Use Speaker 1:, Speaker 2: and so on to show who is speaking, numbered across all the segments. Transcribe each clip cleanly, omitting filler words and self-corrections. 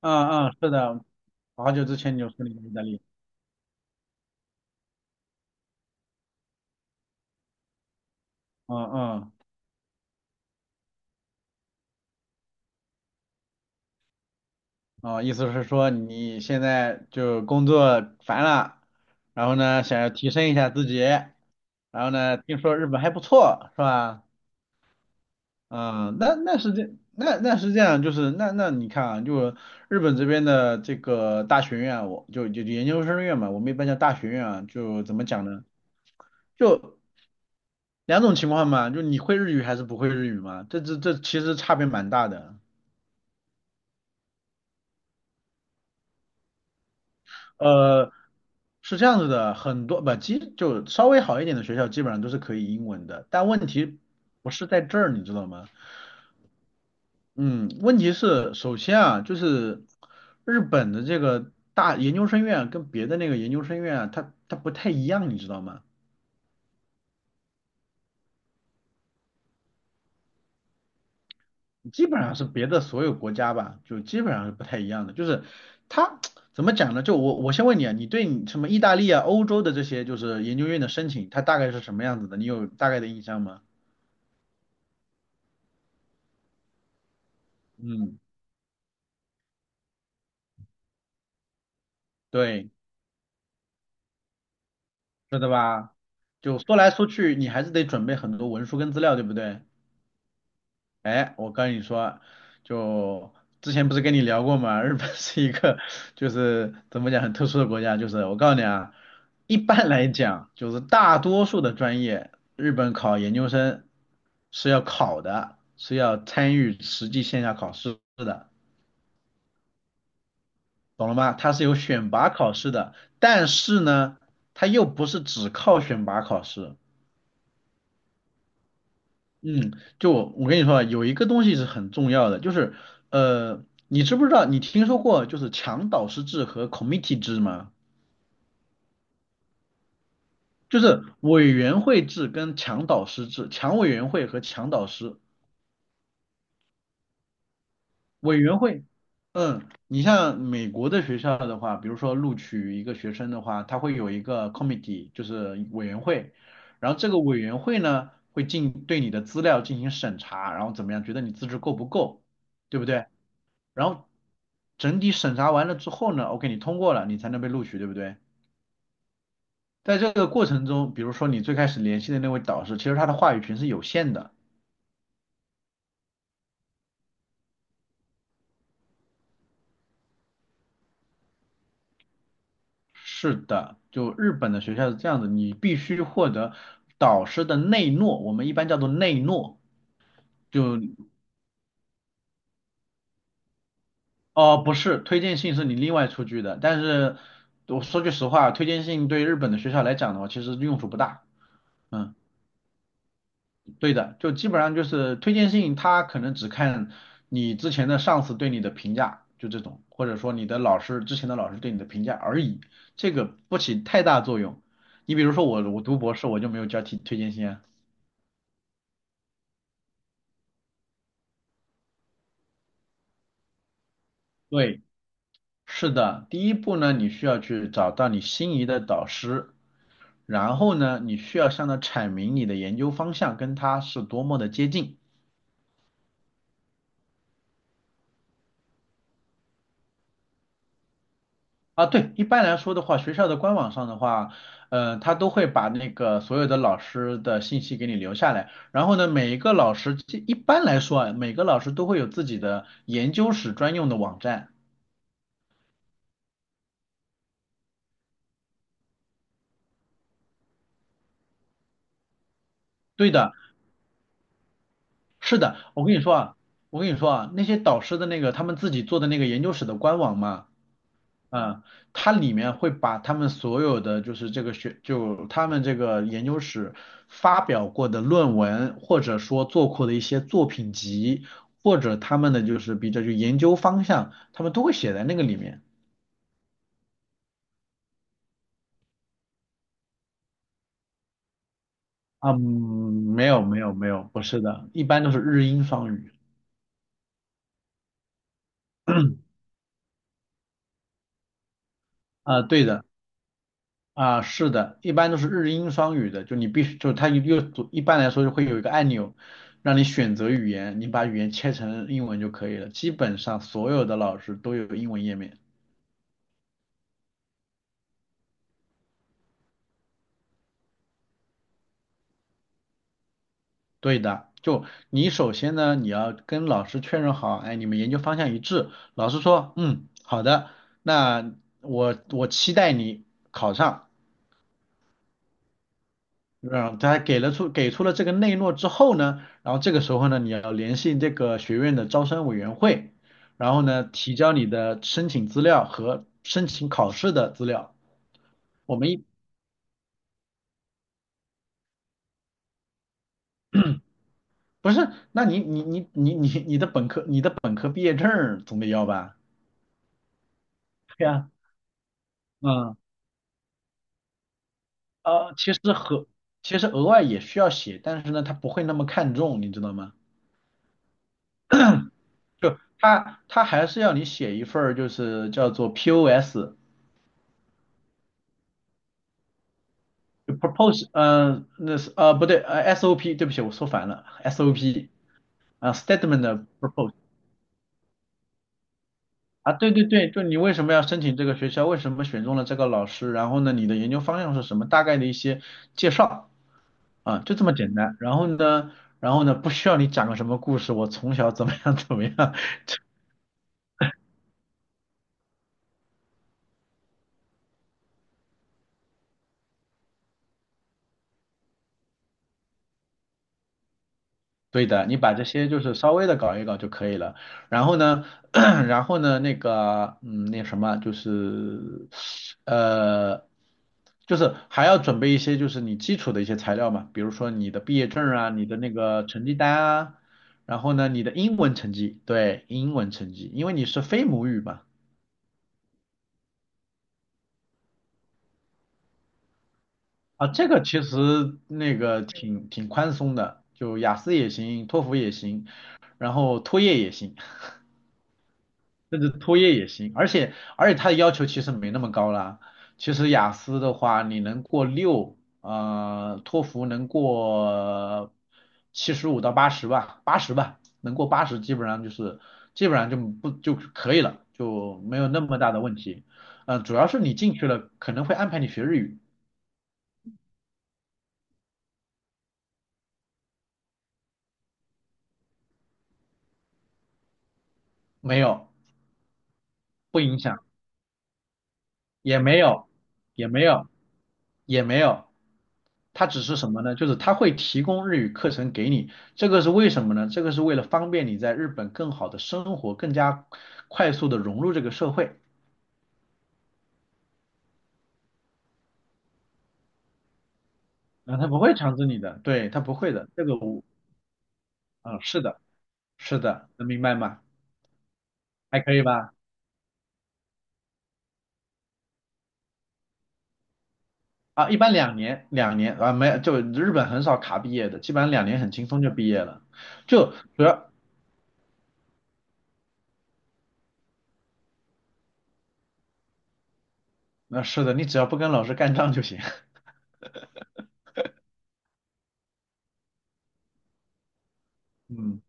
Speaker 1: 嗯嗯，是的，好久之前你就说你在意大利，嗯嗯，哦，意思是说你现在就工作烦了，然后呢想要提升一下自己，然后呢听说日本还不错，是吧？嗯，那是这样，就是那你看啊，就日本这边的这个大学院啊我就研究生院嘛，我们一般叫大学院啊，就怎么讲呢？就两种情况嘛，就你会日语还是不会日语嘛，这其实差别蛮大的。呃，是这样子的，很多不，基就稍微好一点的学校基本上都是可以英文的，但问题不是在这儿，你知道吗？嗯，问题是首先啊，就是日本的这个大研究生院啊跟别的那个研究生院啊，它不太一样，你知道吗？基本上是别的所有国家吧，就基本上是不太一样的，就是它 怎么讲呢？就我先问你啊，你对你什么意大利啊、欧洲的这些就是研究院的申请，它大概是什么样子的？你有大概的印象吗？嗯。对，是的吧？就说来说去，你还是得准备很多文书跟资料，对不对？哎，我跟你说，就之前不是跟你聊过吗？日本 是一个就是怎么讲很特殊的国家，就是我告诉你啊，一般来讲，就是大多数的专业，日本考研究生是要考的，是要参与实际线下考试的，懂了吗？它是有选拔考试的，但是呢，它又不是只靠选拔考试。嗯，就我跟你说啊，有一个东西是很重要的，就是你知不知道你听说过就是强导师制和 committee 制吗？就是委员会制跟强导师制，强委员会和强导师委员会。嗯，你像美国的学校的话，比如说录取一个学生的话，他会有一个 committee，就是委员会，然后这个委员会呢会进对你的资料进行审查，然后怎么样，觉得你资质够不够，对不对？然后整体审查完了之后呢，OK，你通过了，你才能被录取，对不对？在这个过程中，比如说你最开始联系的那位导师，其实他的话语权是有限的。是的，就日本的学校是这样子，你必须获得导师的内诺，我们一般叫做内诺。就哦，不是，推荐信是你另外出具的，但是我说句实话，推荐信对日本的学校来讲的话，其实用处不大。嗯。对的，就基本上就是推荐信，他可能只看你之前的上司对你的评价，就这种，或者说你的老师之前的老师对你的评价而已，这个不起太大作用。你比如说我，我读博士我就没有交替推荐信啊。对，是的，第一步呢，你需要去找到你心仪的导师，然后呢，你需要向他阐明你的研究方向跟他是多么的接近。啊，对，一般来说的话，学校的官网上的话，他都会把那个所有的老师的信息给你留下来。然后呢，每一个老师，这一般来说啊，每个老师都会有自己的研究室专用的网站。对的，是的，我跟你说啊，我跟你说啊，那些导师的那个他们自己做的那个研究室的官网嘛，嗯，它里面会把他们所有的就是这个学，就他们这个研究室发表过的论文，或者说做过的一些作品集，或者他们的就是比较就研究方向，他们都会写在那个里面。啊，嗯，没有，不是的，一般都是日英双语。啊，对的。啊，是的，一般都是日英双语的，就你必须，就它又一般来说就会有一个按钮，让你选择语言，你把语言切成英文就可以了。基本上所有的老师都有英文页面。对的，就你首先呢，你要跟老师确认好，哎，你们研究方向一致。老师说，嗯，好的，那我期待你考上。让他给了出给出了这个内诺之后呢，然后这个时候呢，你要联系这个学院的招生委员会，然后呢，提交你的申请资料和申请考试的资料。我们一不是，那你的本科毕业证儿总得要吧？对呀，嗯，其实和其实额外也需要写，但是呢，他不会那么看重，你知道吗？就他还是要你写一份儿就是叫做 POS，就 propose，嗯、那是啊、不对，SOP，对不起，我说反了，SOP，啊、statement of propose，啊，对对对，就你为什么要申请这个学校，为什么选中了这个老师，然后呢，你的研究方向是什么，大概的一些介绍，啊、就这么简单，然后呢，然后呢，不需要你讲个什么故事，我从小怎么样怎么样，对的，你把这些就是稍微的搞一搞就可以了。然后呢，然后呢，那个，嗯，那什么，就是，呃，就是还要准备一些就是你基础的一些材料嘛，比如说你的毕业证啊，你的那个成绩单啊，然后呢，你的英文成绩，对，英文成绩，因为你是非母语嘛，啊，这个其实那个挺宽松的，就雅思也行，托福也行，然后托业也行。甚至托业也行，而且它的要求其实没那么高啦。其实雅思的话，你能过六，托福能过75到80吧，八十吧，能过八十基本上就是基本上就不就可以了，就没有那么大的问题。嗯、主要是你进去了可能会安排你学日语，没有，不影响。也没有，也没有，也没有。他只是什么呢？就是他会提供日语课程给你，这个是为什么呢？这个是为了方便你在日本更好的生活，更加快速的融入这个社会。啊，他不会强制你的，对，他不会的，这个我，啊，是的，是的，能明白吗？还可以吧？啊，一般两年，两年啊，没有就日本很少卡毕业的，基本上两年很轻松就毕业了，就主要，那、是的，你只要不跟老师干仗就行。嗯。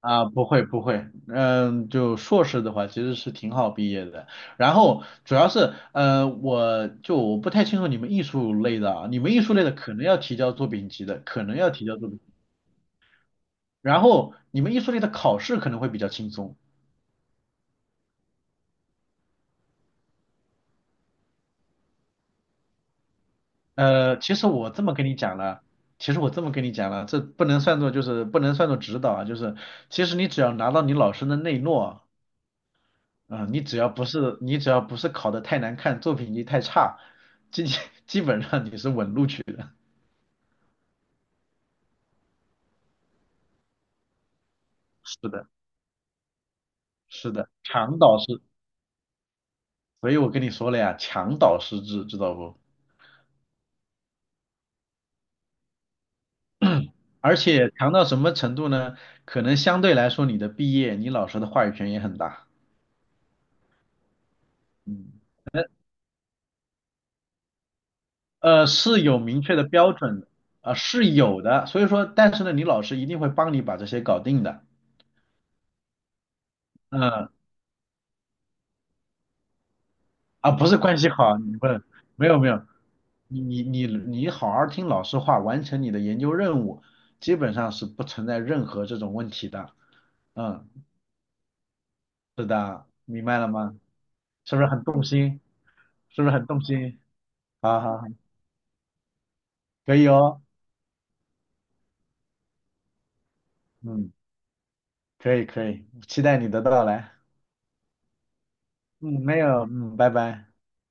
Speaker 1: 啊，不会不会，嗯，就硕士的话其实是挺好毕业的。然后主要是，我不太清楚你们艺术类的啊，你们艺术类的可能要提交作品集的，可能要提交作品集。然后你们艺术类的考试可能会比较轻松。其实我这么跟你讲了，其实我这么跟你讲了，这不能算作就是不能算作指导啊，就是其实你只要拿到你老师的内诺。嗯，你只要不是考得太难看，作品集太差，基 基本上你是稳录取的。是的，是的，强导师，所以我跟你说了呀，强导师制，知道不？而且强到什么程度呢？可能相对来说，你的毕业，你老师的话语权也很大。嗯，是有明确的标准的，啊、是有的。所以说，但是呢，你老师一定会帮你把这些搞定的。嗯，啊，不是关系好，你不能，没有没有，你好好听老师话，完成你的研究任务，基本上是不存在任何这种问题的。嗯，是的，明白了吗？是不是很动心？是不是很动心？好好好，可以哦，嗯，可以可以，期待你的到来。嗯，没有，嗯，拜拜。